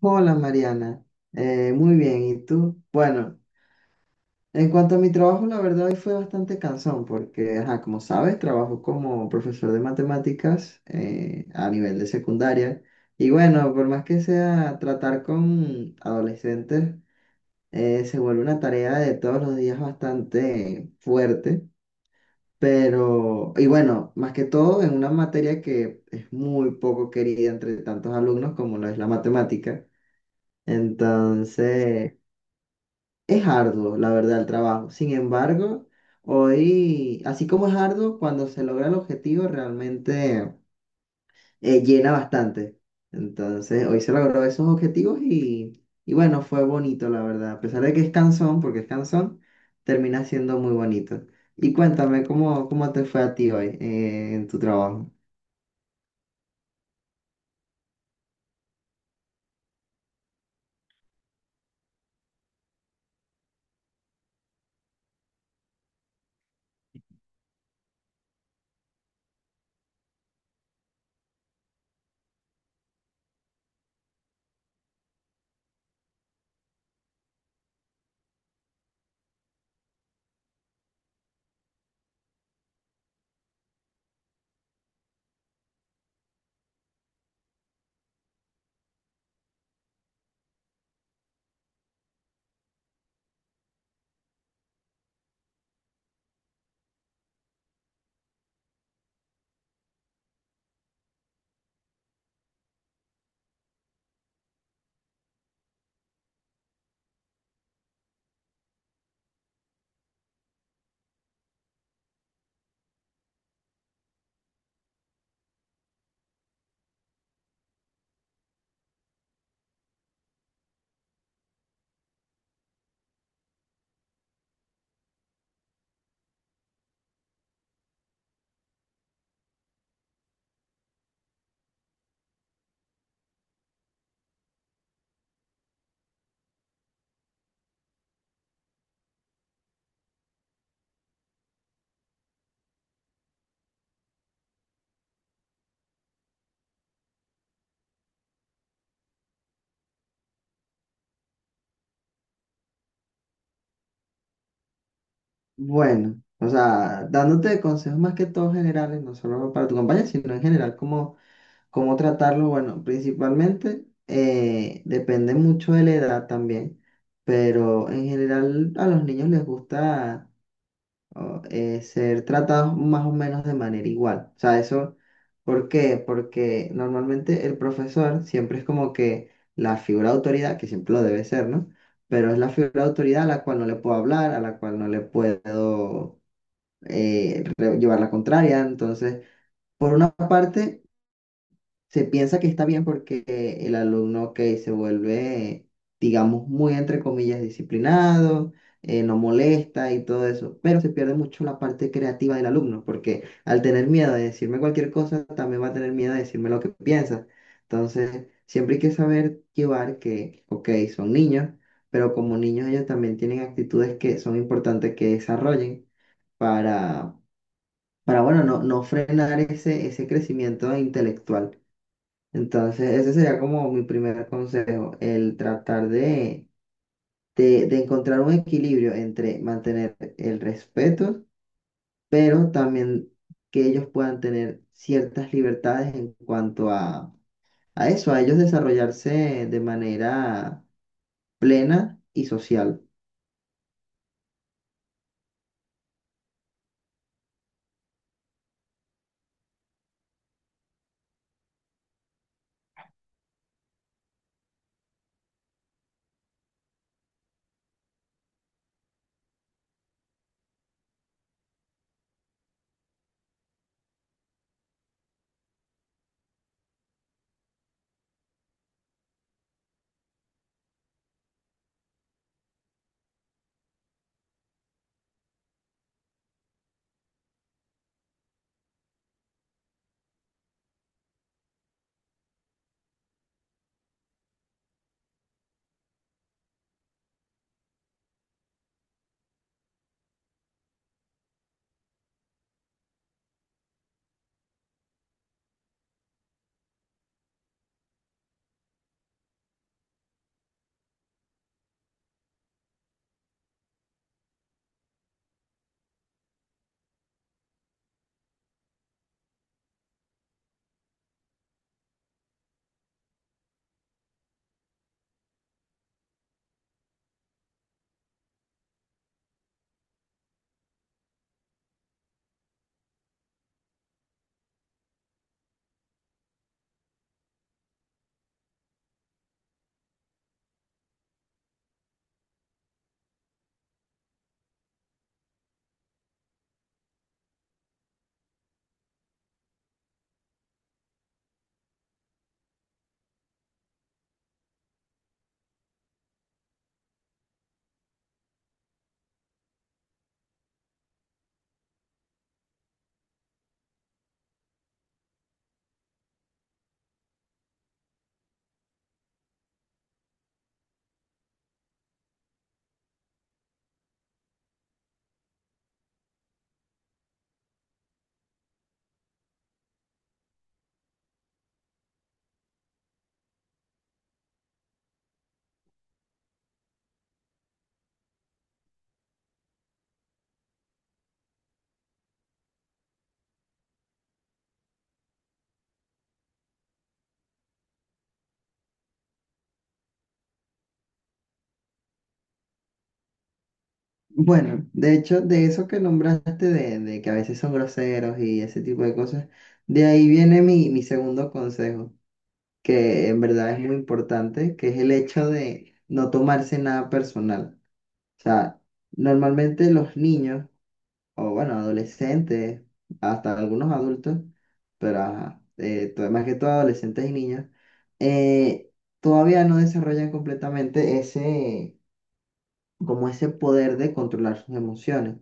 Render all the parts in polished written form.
Hola Mariana. Muy bien, ¿y tú? Bueno, en cuanto a mi trabajo, la verdad hoy fue bastante cansón porque, ajá, como sabes, trabajo como profesor de matemáticas a nivel de secundaria. Y bueno, por más que sea tratar con adolescentes, se vuelve una tarea de todos los días bastante fuerte, pero, y bueno, más que todo en una materia que es muy poco querida entre tantos alumnos como lo es la matemática. Entonces, es arduo, la verdad, el trabajo. Sin embargo, hoy, así como es arduo, cuando se logra el objetivo, realmente llena bastante. Entonces, hoy se logró esos objetivos y bueno, fue bonito, la verdad. A pesar de que es cansón, porque es cansón, termina siendo muy bonito. Y cuéntame, ¿cómo te fue a ti hoy en tu trabajo? Bueno, o sea, dándote consejos más que todo generales, no solo para tu compañía, sino en general, cómo. ¿Cómo tratarlo? Bueno, principalmente depende mucho de la edad también, pero en general a los niños les gusta o, ser tratados más o menos de manera igual. O sea, eso, ¿por qué? Porque normalmente el profesor siempre es como que la figura de autoridad, que siempre lo debe ser, ¿no? Pero es la figura de autoridad a la cual no le puedo hablar, a la cual no le puedo llevar la contraria, entonces... Por una parte, se piensa que está bien porque el alumno que se vuelve, digamos, muy entre comillas disciplinado, no molesta y todo eso, pero se pierde mucho la parte creativa del alumno porque al tener miedo de decirme cualquier cosa, también va a tener miedo de decirme lo que piensa. Entonces, siempre hay que saber llevar que, ok, son niños, pero como niños ellos también tienen actitudes que son importantes que desarrollen para... Para, bueno, no, no frenar ese crecimiento intelectual. Entonces, ese sería como mi primer consejo, el tratar de encontrar un equilibrio entre mantener el respeto, pero también que ellos puedan tener ciertas libertades en cuanto a eso, a ellos desarrollarse de manera plena y social. Bueno, de hecho, de eso que nombraste, de que a veces son groseros y ese tipo de cosas, de ahí viene mi segundo consejo, que en verdad es muy importante, que es el hecho de no tomarse nada personal. O sea, normalmente los niños, o bueno, adolescentes, hasta algunos adultos, pero ajá, más que todo adolescentes y niños, eh, todavía no desarrollan completamente ese, como ese poder de controlar sus emociones.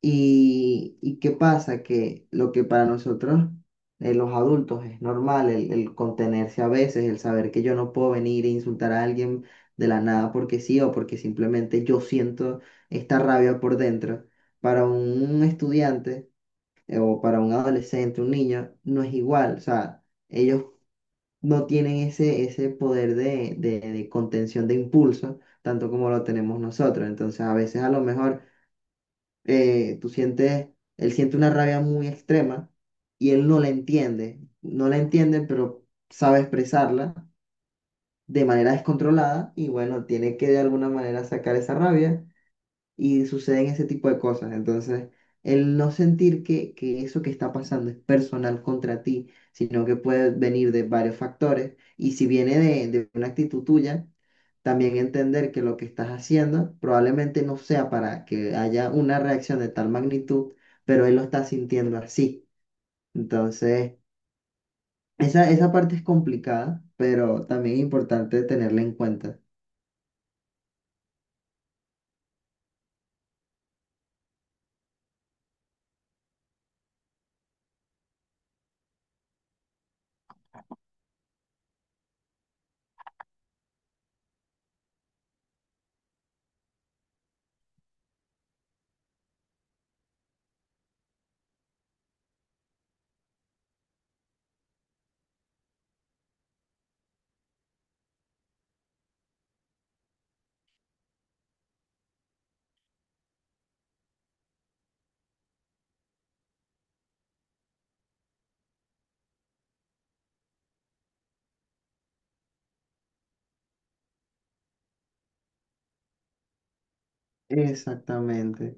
Y ¿qué pasa? Que lo que para nosotros, los adultos, es normal, el contenerse a veces, el saber que yo no puedo venir e insultar a alguien de la nada porque sí o porque simplemente yo siento esta rabia por dentro. Para un estudiante o para un adolescente, un niño, no es igual. O sea, ellos no tienen ese poder de contención de impulso, tanto como lo tenemos nosotros. Entonces, a veces a lo mejor tú sientes, él siente una rabia muy extrema y él no la entiende, no la entiende, pero sabe expresarla de manera descontrolada y bueno, tiene que de alguna manera sacar esa rabia y suceden ese tipo de cosas. Entonces, el no sentir que eso que está pasando es personal contra ti, sino que puede venir de varios factores y si viene de una actitud tuya, también entender que lo que estás haciendo probablemente no sea para que haya una reacción de tal magnitud, pero él lo está sintiendo así. Entonces, esa parte es complicada, pero también es importante tenerla en cuenta. Exactamente.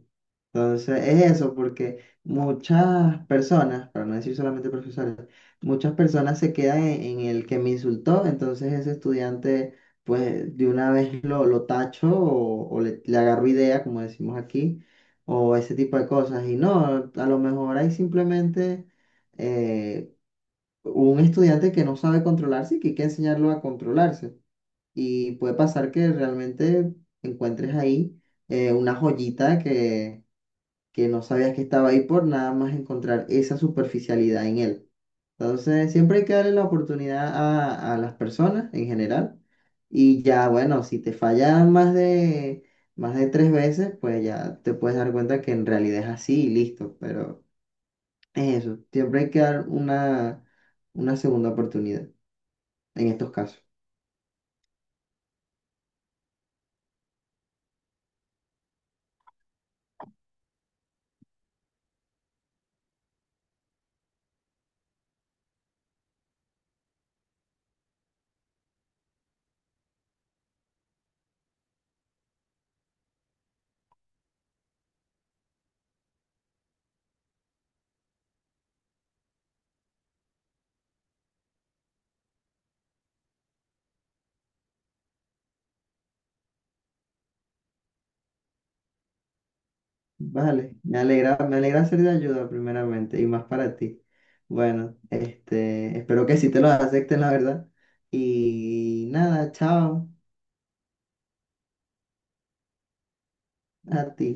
Entonces es eso, porque muchas personas, para no decir solamente profesores, muchas personas se quedan en el que me insultó, entonces ese estudiante pues de una vez lo tacho o le agarro idea, como decimos aquí, o ese tipo de cosas. Y no, a lo mejor hay simplemente eh, un estudiante que no sabe controlarse y que hay que enseñarlo a controlarse. Y puede pasar que realmente encuentres ahí una joyita que no sabías que estaba ahí por nada más encontrar esa superficialidad en él. Entonces, siempre hay que darle la oportunidad a las personas en general. Y ya, bueno, si te falla más de 3 veces, pues ya te puedes dar cuenta que en realidad es así y listo. Pero es eso, siempre hay que dar una segunda oportunidad en estos casos. Vale, me alegra ser de ayuda primeramente y más para ti. Bueno, este, espero que sí te lo acepten, la verdad. Y nada, chao a ti.